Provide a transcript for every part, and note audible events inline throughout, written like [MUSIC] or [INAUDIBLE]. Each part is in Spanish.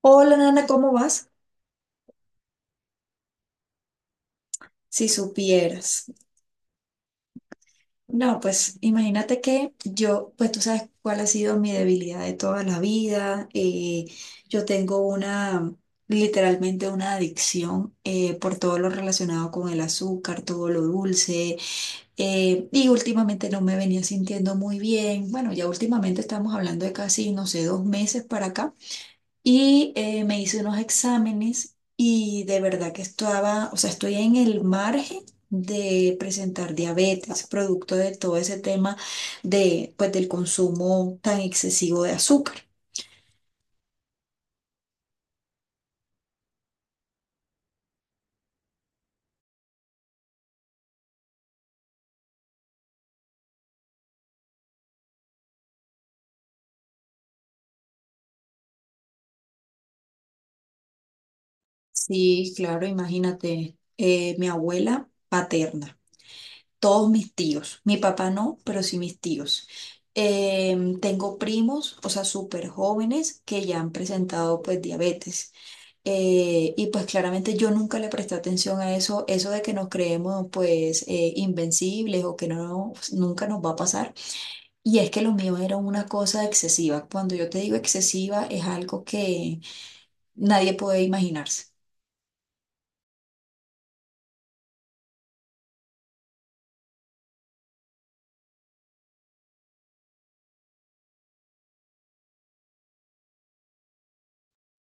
Hola, Nana, ¿cómo vas? Si supieras. No, pues imagínate que yo, pues tú sabes cuál ha sido mi debilidad de toda la vida. Yo tengo una, literalmente una adicción por todo lo relacionado con el azúcar, todo lo dulce. Y últimamente no me venía sintiendo muy bien. Bueno, ya últimamente estamos hablando de casi, no sé, dos meses para acá. Y me hice unos exámenes y de verdad que estaba, o sea, estoy en el margen de presentar diabetes, producto de todo ese tema de, pues, del consumo tan excesivo de azúcar. Sí, claro, imagínate, mi abuela paterna, todos mis tíos, mi papá no, pero sí mis tíos. Tengo primos, o sea, súper jóvenes que ya han presentado pues diabetes. Y pues claramente yo nunca le presté atención a eso, eso de que nos creemos pues invencibles o que no, pues, nunca nos va a pasar. Y es que lo mío era una cosa excesiva. Cuando yo te digo excesiva es algo que nadie puede imaginarse.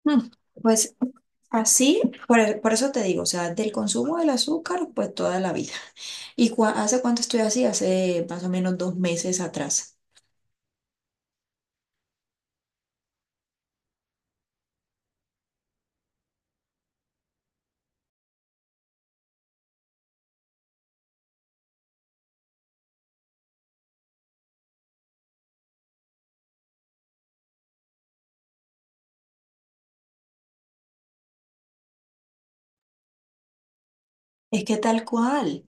Mm, Pues así, por eso te digo, o sea, del consumo del azúcar pues toda la vida. ¿ Hace cuánto estoy así? Hace más o menos dos meses atrás. Es que tal cual.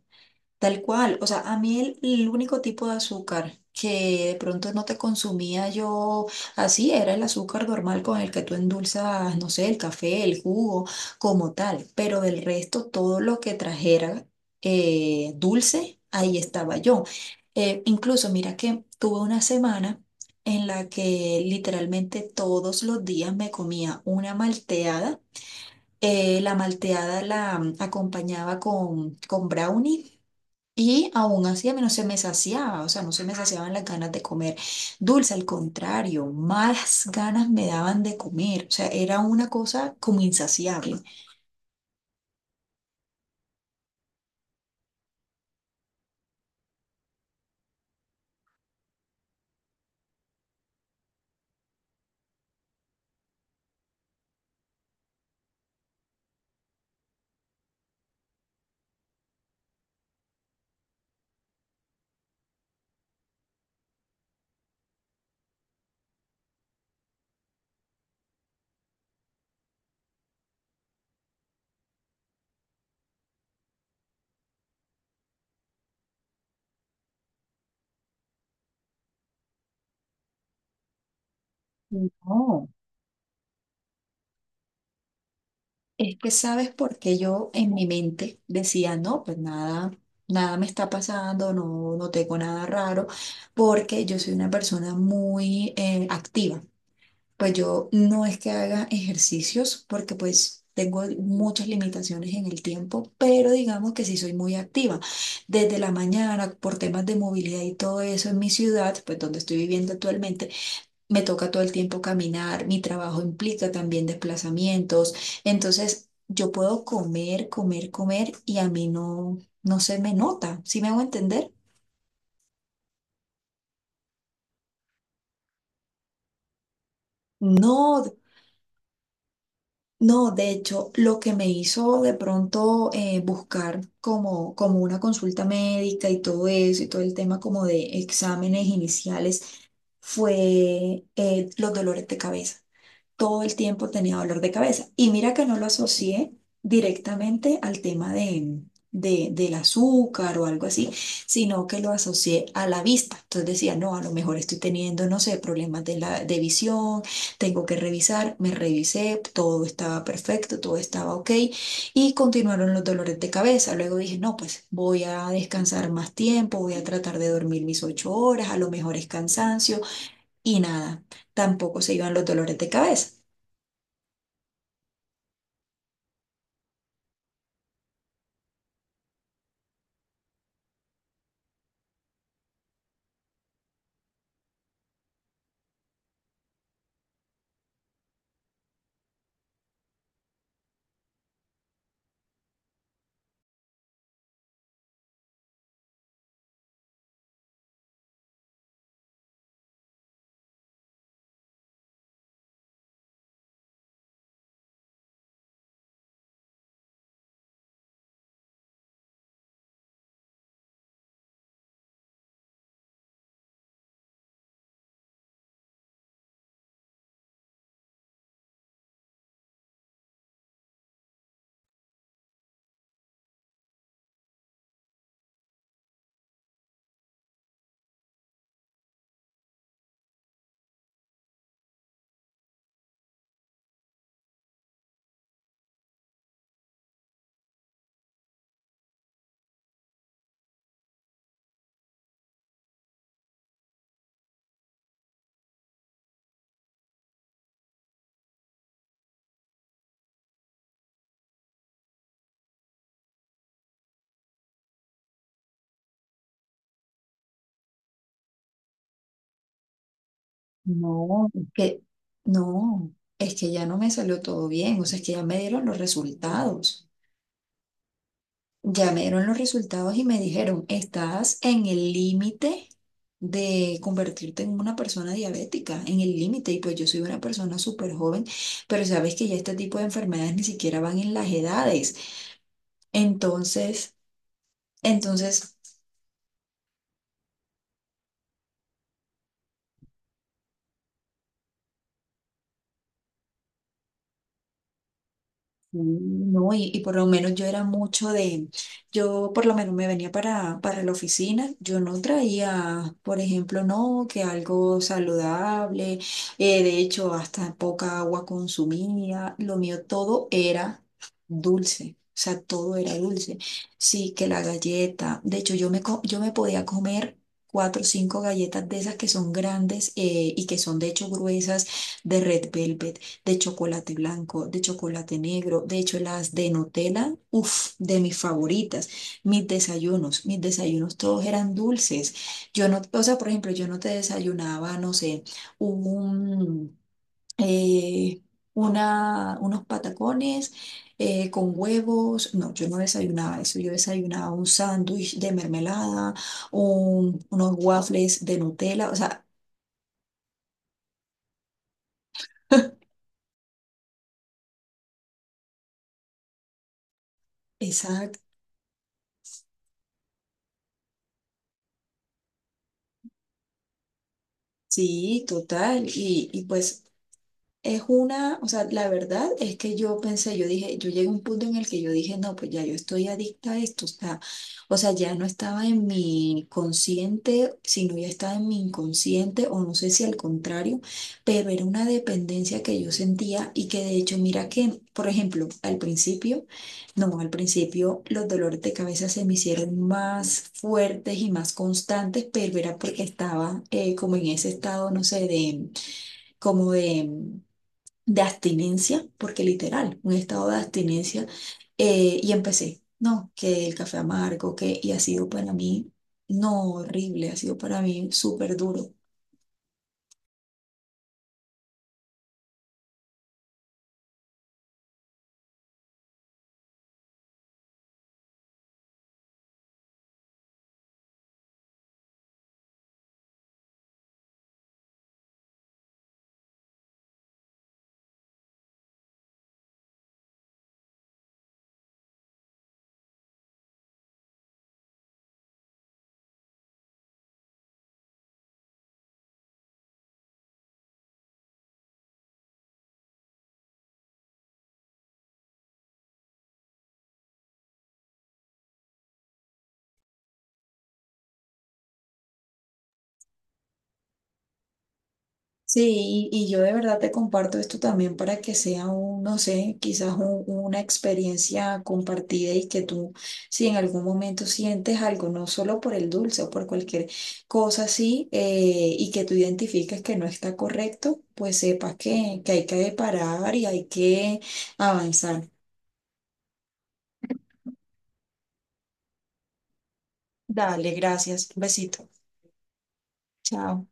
Tal cual, o sea, a mí el único tipo de azúcar que de pronto no te consumía yo así era el azúcar normal con el que tú endulzas, no sé, el café, el jugo, como tal, pero del resto todo lo que trajera dulce, ahí estaba yo. Incluso mira que tuve una semana en la que literalmente todos los días me comía una malteada. La malteada la acompañaba con brownie y aún así a mí no se me saciaba, o sea, no se me saciaban las ganas de comer dulce, al contrario, más ganas me daban de comer, o sea, era una cosa como insaciable. No, es que sabes por qué yo en mi mente decía, no, pues nada, nada me está pasando, no, no tengo nada raro, porque yo soy una persona muy activa. Pues yo no es que haga ejercicios porque pues tengo muchas limitaciones en el tiempo, pero digamos que sí soy muy activa. Desde la mañana, por temas de movilidad y todo eso en mi ciudad, pues donde estoy viviendo actualmente, me toca todo el tiempo caminar, mi trabajo implica también desplazamientos, entonces yo puedo comer, comer, comer y a mí no, no se me nota, ¿sí me hago entender? No, no, de hecho, lo que me hizo de pronto buscar como una consulta médica y todo eso y todo el tema como de exámenes iniciales fue los dolores de cabeza, todo el tiempo tenía dolor de cabeza. Y mira que no lo asocié directamente al tema de, del azúcar o algo así, sino que lo asocié a la vista. Entonces decía, no, a lo mejor estoy teniendo, no sé, problemas de visión, tengo que revisar. Me revisé, todo estaba perfecto, todo estaba ok. Y continuaron los dolores de cabeza. Luego dije, no, pues voy a descansar más tiempo, voy a tratar de dormir mis ocho horas, a lo mejor es cansancio. Y nada, tampoco se iban los dolores de cabeza. No, es que no, es que ya no me salió todo bien, o sea, es que ya me dieron los resultados. Ya me dieron los resultados y me dijeron, estás en el límite de convertirte en una persona diabética, en el límite, y pues yo soy una persona súper joven, pero sabes que ya este tipo de enfermedades ni siquiera van en las edades. Entonces, entonces no, y por lo menos yo era mucho de, yo por lo menos me venía para la oficina, yo no traía, por ejemplo, no, que algo saludable, de hecho hasta poca agua consumía, lo mío todo era dulce, o sea, todo era dulce. Sí, que la galleta, de hecho yo me podía comer cuatro o cinco galletas de esas que son grandes y que son de hecho gruesas de Red Velvet, de chocolate blanco, de chocolate negro. De hecho, las de Nutella, uff, de mis favoritas. Mis desayunos todos eran dulces. Yo no, o sea, por ejemplo, yo no te desayunaba, no sé, un, eh, unos patacones con huevos. No, yo no desayunaba eso. Yo desayunaba un sándwich de mermelada, unos waffles de Nutella, o sea, [LAUGHS] exacto. Sí, total. Y pues es una, o sea, la verdad es que yo pensé, yo dije, yo llegué a un punto en el que yo dije, no, pues ya yo estoy adicta a esto, está, o sea, ya no estaba en mi consciente, sino ya estaba en mi inconsciente, o no sé si al contrario, pero era una dependencia que yo sentía y que de hecho, mira que, por ejemplo, al principio, no, al principio los dolores de cabeza se me hicieron más fuertes y más constantes, pero era porque estaba como en ese estado, no sé, de, como de abstinencia, porque literal, un estado de abstinencia, y empecé, no, que el café amargo, que, y ha sido para mí, no horrible, ha sido para mí súper duro. Sí, y yo de verdad te comparto esto también para que sea un, no sé, quizás una experiencia compartida y que tú, si en algún momento sientes algo, no solo por el dulce o por cualquier cosa así, y que tú identifiques que no está correcto, pues sepas que hay que parar y hay que avanzar. Dale, gracias. Un besito. Chao.